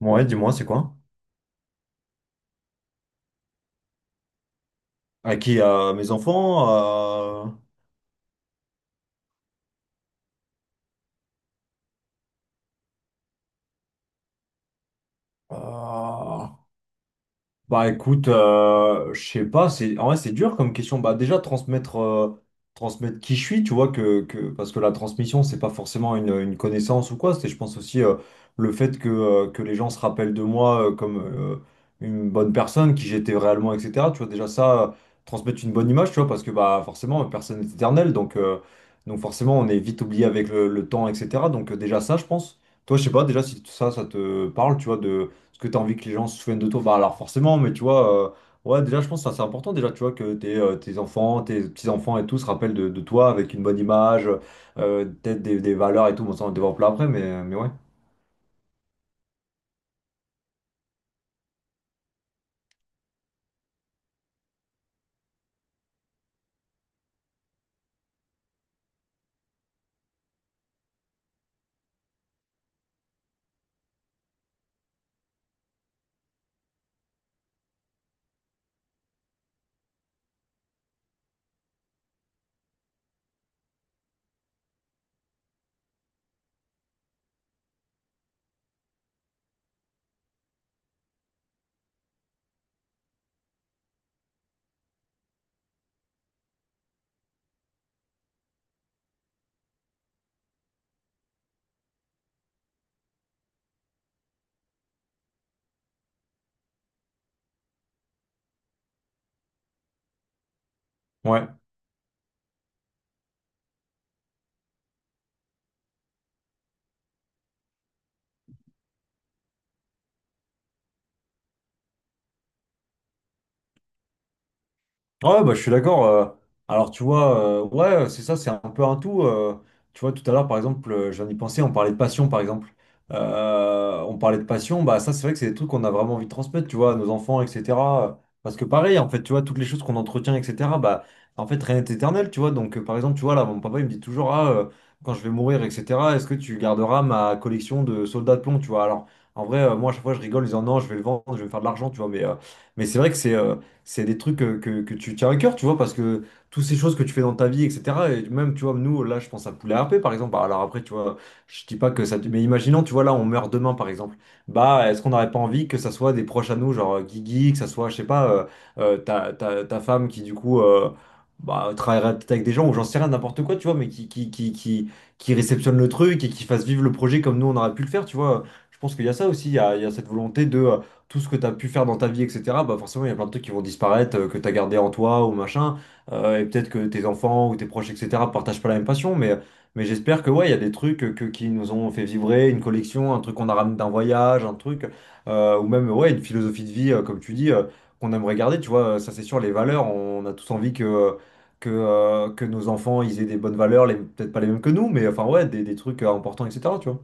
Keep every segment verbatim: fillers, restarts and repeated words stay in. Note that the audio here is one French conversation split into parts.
Ouais, dis-moi, c'est quoi? À qui? À mes enfants? À... à- Bah écoute, euh, je sais pas, c'est, en vrai, c'est dur comme question. Bah déjà transmettre euh, transmettre qui je suis, tu vois que, que parce que la transmission c'est pas forcément une, une connaissance ou quoi. C'est, je pense aussi, euh, le fait que, euh, que les gens se rappellent de moi euh, comme euh, une bonne personne, qui j'étais réellement, et cetera. Tu vois déjà ça, euh, transmettre une bonne image, tu vois parce que bah forcément personne n'est éternel, donc euh, donc forcément on est vite oublié avec le, le temps, et cetera. Donc, euh, déjà ça je pense. Toi je sais pas déjà si ça ça te parle, tu vois parce que tu as envie que les gens se souviennent de toi. Bah alors forcément, mais tu vois, euh, ouais, déjà je pense que ça, c'est important déjà, tu vois, que tes, euh, tes enfants, tes petits-enfants et tout se rappellent de, de toi avec une bonne image, euh, peut-être des, des valeurs et tout, bon ça on le développe là après, mais, mais ouais. Ouais. Ouais, bah, je suis d'accord. Euh, alors, tu vois, euh, ouais, euh, c'est ça, c'est un peu un tout. Euh, tu vois, tout à l'heure, par exemple, euh, j'en ai pensé, on parlait de passion, par exemple. Euh, on parlait de passion, bah, ça, c'est vrai que c'est des trucs qu'on a vraiment envie de transmettre, tu vois, à nos enfants, et cetera. Parce que, pareil, en fait, tu vois, toutes les choses qu'on entretient, et cetera, bah, en fait, rien n'est éternel, tu vois. Donc, euh, par exemple, tu vois, là, mon papa, il me dit toujours, ah, euh, quand je vais mourir, et cetera, est-ce que tu garderas ma collection de soldats de plomb, tu vois. Alors, en vrai, euh, moi, à chaque fois, je rigole en disant, non, je vais le vendre, je vais me faire de l'argent, tu vois, mais. Euh, mais c'est vrai que c'est euh, c'est des trucs que, que- que tu tiens à cœur, tu vois, parce que toutes ces choses que tu fais dans ta vie, et cetera. Et même, tu vois, nous, là, je pense à Poulet R P, par exemple. Bah, alors après, tu vois, je dis pas que ça... Mais imaginons, tu vois, là, on meurt demain, par exemple. Bah, est-ce qu'on n'aurait pas envie que ça soit des proches à nous, genre euh, Guigui, que ça soit, je sais pas, euh, euh, ta, ta, ta femme qui, du coup... euh, Bah, travaillerait peut-être avec des gens ou j'en sais rien, n'importe quoi, tu vois, mais qui, qui, qui, qui, qui réceptionne le truc et qui fasse vivre le projet comme nous on aurait pu le faire, tu vois. Je pense qu'il y a ça aussi, il y a, il y a cette volonté de euh, tout ce que tu as pu faire dans ta vie, et cetera, bah forcément, il y a plein de trucs qui vont disparaître, euh, que tu as gardé en toi ou machin. Euh, et peut-être que tes enfants ou tes proches, et cetera, partagent pas la même passion. Mais, mais j'espère que, ouais, il y a des trucs euh, que, qui nous ont fait vibrer, une collection, un truc qu'on a ramené d'un voyage, un truc, euh, ou même, ouais, une philosophie de vie, euh, comme tu dis, euh, qu'on aimerait garder. Tu vois, euh, ça, c'est sûr, les valeurs, on a tous envie que. Que, euh, que nos enfants ils aient des bonnes valeurs, les- peut-être pas les mêmes que nous, mais enfin ouais, des, des trucs euh, importants, et cetera. Tu vois.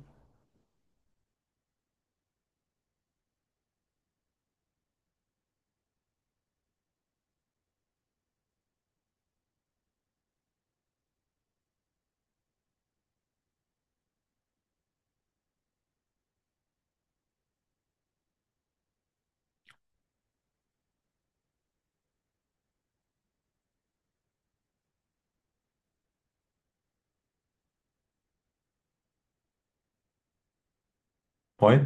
Ouais.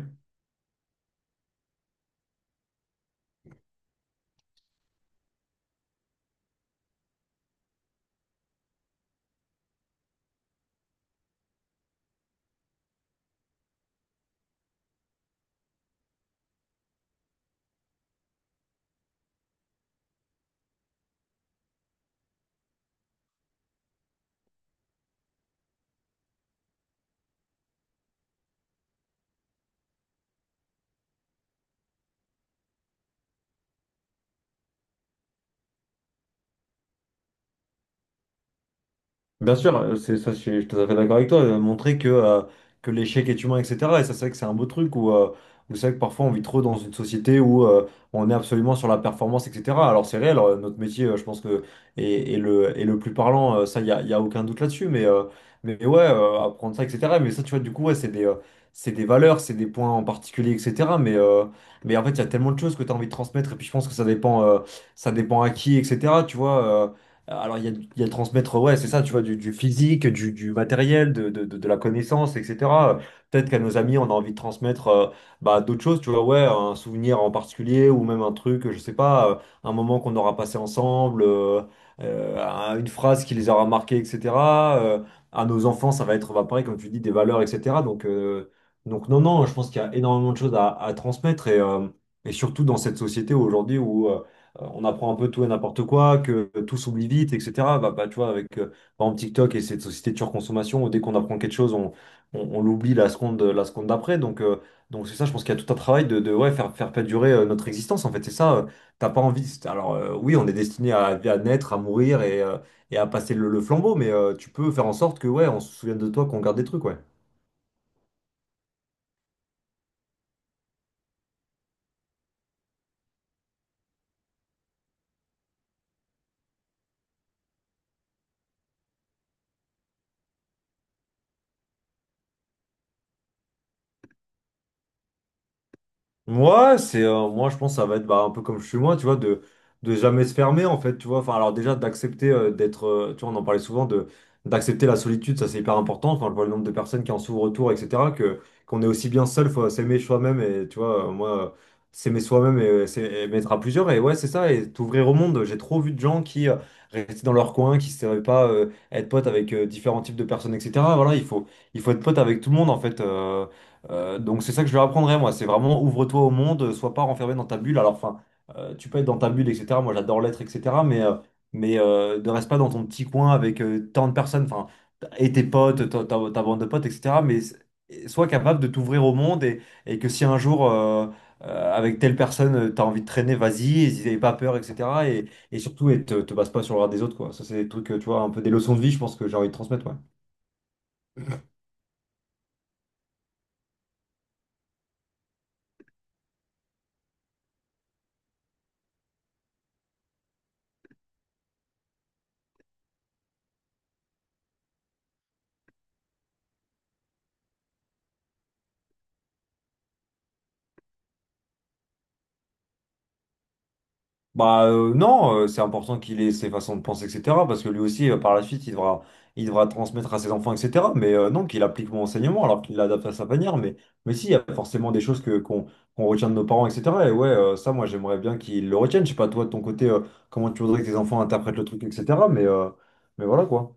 Bien sûr, euh, c'est ça, je suis je tout à fait d'accord avec toi. euh, Montrer que, euh, que l'échec est humain, et cetera. Et ça, c'est vrai que c'est un beau truc où, euh, où c'est vrai que parfois on vit trop dans une société où euh, on est absolument sur la performance, et cetera. Alors c'est réel, euh, notre métier, euh, je pense que est, est le, est le plus parlant, euh, ça, il n'y a, y a aucun doute là-dessus. Mais, euh, mais, mais ouais, euh, apprendre ça, et cetera. Mais ça, tu vois, du coup, ouais, c'est des, euh, c'est des valeurs, c'est des points en particulier, et cetera. Mais, euh, mais en fait, il y a tellement de choses que tu as envie de transmettre. Et puis je pense que ça dépend, euh, ça dépend à qui, et cetera. Tu vois. euh, euh, Alors, il y a, il y a transmettre, ouais, c'est ça, tu vois, du, du physique, du, du matériel, de, de, de- de la connaissance, et cetera. Euh, Peut-être qu'à nos amis, on a envie de transmettre euh, bah, d'autres choses, tu vois, ouais, un souvenir en particulier ou même un truc, je sais pas, euh, un moment qu'on aura passé ensemble, euh, euh, un- une phrase qui les aura marqués, et cetera. Euh, à nos enfants, ça va être, bah, pareil, comme tu dis, des valeurs, et cetera. Donc, euh, donc non, non, je pense qu'il y a énormément de choses à, à transmettre et, euh, et surtout dans cette société aujourd'hui où. Euh, euh, on apprend un peu tout et n'importe quoi, que tout s'oublie vite, et cetera. Bah, bah, tu vois, avec euh, par exemple TikTok et cette société de surconsommation, dès qu'on apprend quelque chose, on, on, on l'oublie la seconde, la seconde d'après. Donc, euh, donc c'est ça, je pense qu'il y a tout un travail de, de ouais, faire, faire perdurer euh, notre existence. En fait, c'est ça, euh, t'as pas envie. c'est- Alors, euh, oui, on est destiné à, à naître, à mourir et, euh, et à passer le, le flambeau, mais euh, tu peux faire en sorte que ouais, on se souvienne de toi, qu'on garde des trucs, ouais. Moi, c'est euh, moi je pense que ça va être bah, un peu comme je suis moi, tu vois, de de jamais se fermer en fait, tu vois. Enfin, alors déjà d'accepter euh, d'être, euh, tu vois, on en parlait souvent de d'accepter la solitude, ça c'est hyper important. Enfin, je vois le nombre de personnes qui en souffrent autour, et cetera. Que qu'on est aussi bien seul, faut s'aimer soi-même et tu vois, euh, moi euh, s'aimer soi-même et, euh, s'aimer être à plusieurs et ouais c'est ça et t'ouvrir au monde. J'ai trop vu de gens qui euh, restaient dans leur coin, qui savaient pas euh, être potes avec euh, différents types de personnes, et cetera. Voilà, il faut il faut être pote avec tout le monde en fait. Euh, euh, donc c'est ça que je leur apprendrai, moi. C'est vraiment ouvre-toi au monde, euh, sois pas renfermé dans ta bulle. Alors, enfin, euh, tu peux être dans ta bulle, et cetera. Moi, j'adore l'être, et cetera. Mais, euh, mais euh, ne reste pas dans ton petit coin avec euh, tant de personnes, enfin, et tes potes, ta, ta- ta bande de potes, et cetera. Mais s- sois capable de t'ouvrir au monde et, et que si un jour, euh, euh, avec telle personne, tu as envie de traîner, vas-y, et n'aie pas peur, et cetera. Et, et surtout, et te, te base pas sur le regard des autres, quoi. Ça, c'est des trucs, euh, tu vois, un peu des leçons de vie, je pense que j'ai envie de transmettre, ouais. Bah euh, non, euh, c'est important qu'il ait ses façons de penser, et cetera. Parce que lui aussi, euh, par la suite, il devra, il devra transmettre à ses enfants, et cetera. Mais euh, non, qu'il applique mon enseignement alors qu'il l'adapte à sa manière. Mais, mais si, il y a forcément des choses que qu'on qu'on retient de nos parents, et cetera. Et ouais, euh, ça, moi, j'aimerais bien qu'ils le retiennent. Je sais pas, toi, de ton côté, euh, comment tu voudrais que tes enfants interprètent le truc, et cetera. Mais, euh, mais voilà quoi.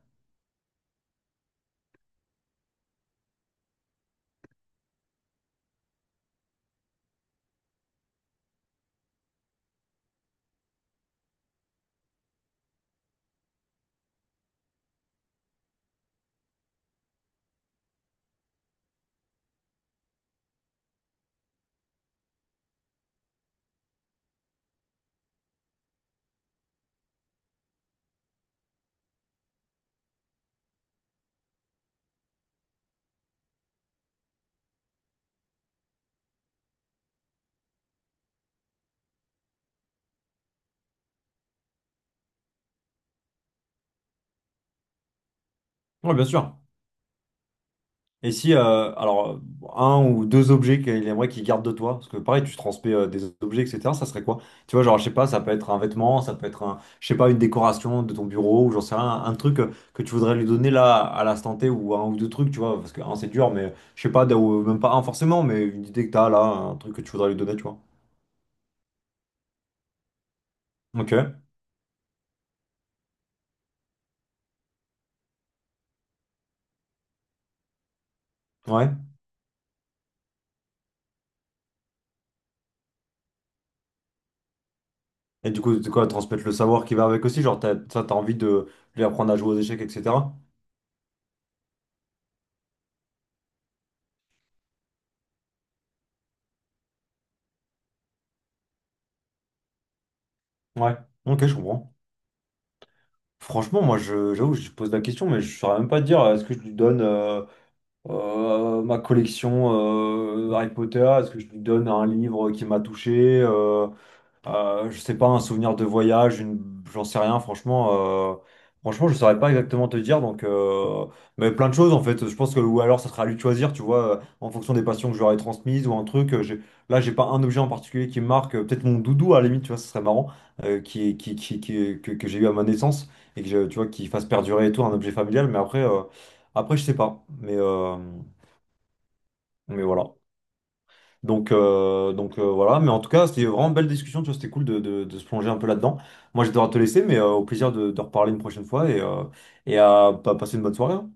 Ouais, bien sûr. Et si, euh, alors, un ou deux objets qu'il aimerait qu'il garde de toi, parce que pareil, tu transmets euh, des objets, et cetera, ça serait quoi? Tu vois, genre, je sais pas, ça peut être un vêtement, ça peut être un, je sais pas, une décoration de ton bureau, ou j'en sais rien, un truc euh, que tu voudrais lui donner là, à l'instant T, ou un ou deux trucs, tu vois, parce que un, c'est dur, mais je sais pas, d- ou même pas un forcément, mais une idée que t'as là, un truc que tu voudrais lui donner, tu vois. Ok, ouais. Et du coup, c'est quoi, transmettre le savoir qui va avec aussi, genre, t'as, ça, t'as envie de lui apprendre à jouer aux échecs, et cetera. Ouais, ok, je comprends. Franchement, moi, je, j'avoue, je pose la question, mais je saurais même pas te dire, euh, est-ce que je lui donne euh, euh, ma collection euh, Harry Potter? Est-ce que je lui donne un livre qui m'a touché? Euh, euh, je sais pas, un souvenir de voyage, une... j'en sais rien, franchement. euh, Franchement, je saurais pas exactement te dire, donc. euh, Mais plein de choses, en fait. Je pense que, ou alors, ça sera à lui de choisir, tu vois, euh, en fonction des passions que je lui j'aurais transmises ou un truc. euh, j'ai- Là, j'ai pas un objet en particulier qui me marque. euh, Peut-être mon doudou, à la limite, tu vois, ce serait marrant, euh, qui, qui, qui, qui- que, que j'ai eu à ma naissance et que, je- tu vois, qui fasse perdurer et tout, un objet familial. Mais après, euh, après, je sais pas. Mais, euh, mais voilà. Donc, euh, donc euh, voilà, mais en tout cas, c'était vraiment une belle discussion, tu vois, c'était cool de, de- de se plonger un peu là-dedans. Moi, je vais devoir te laisser, mais euh, au plaisir de, de reparler une prochaine fois et, euh, et à pa- passer une bonne soirée. Hein.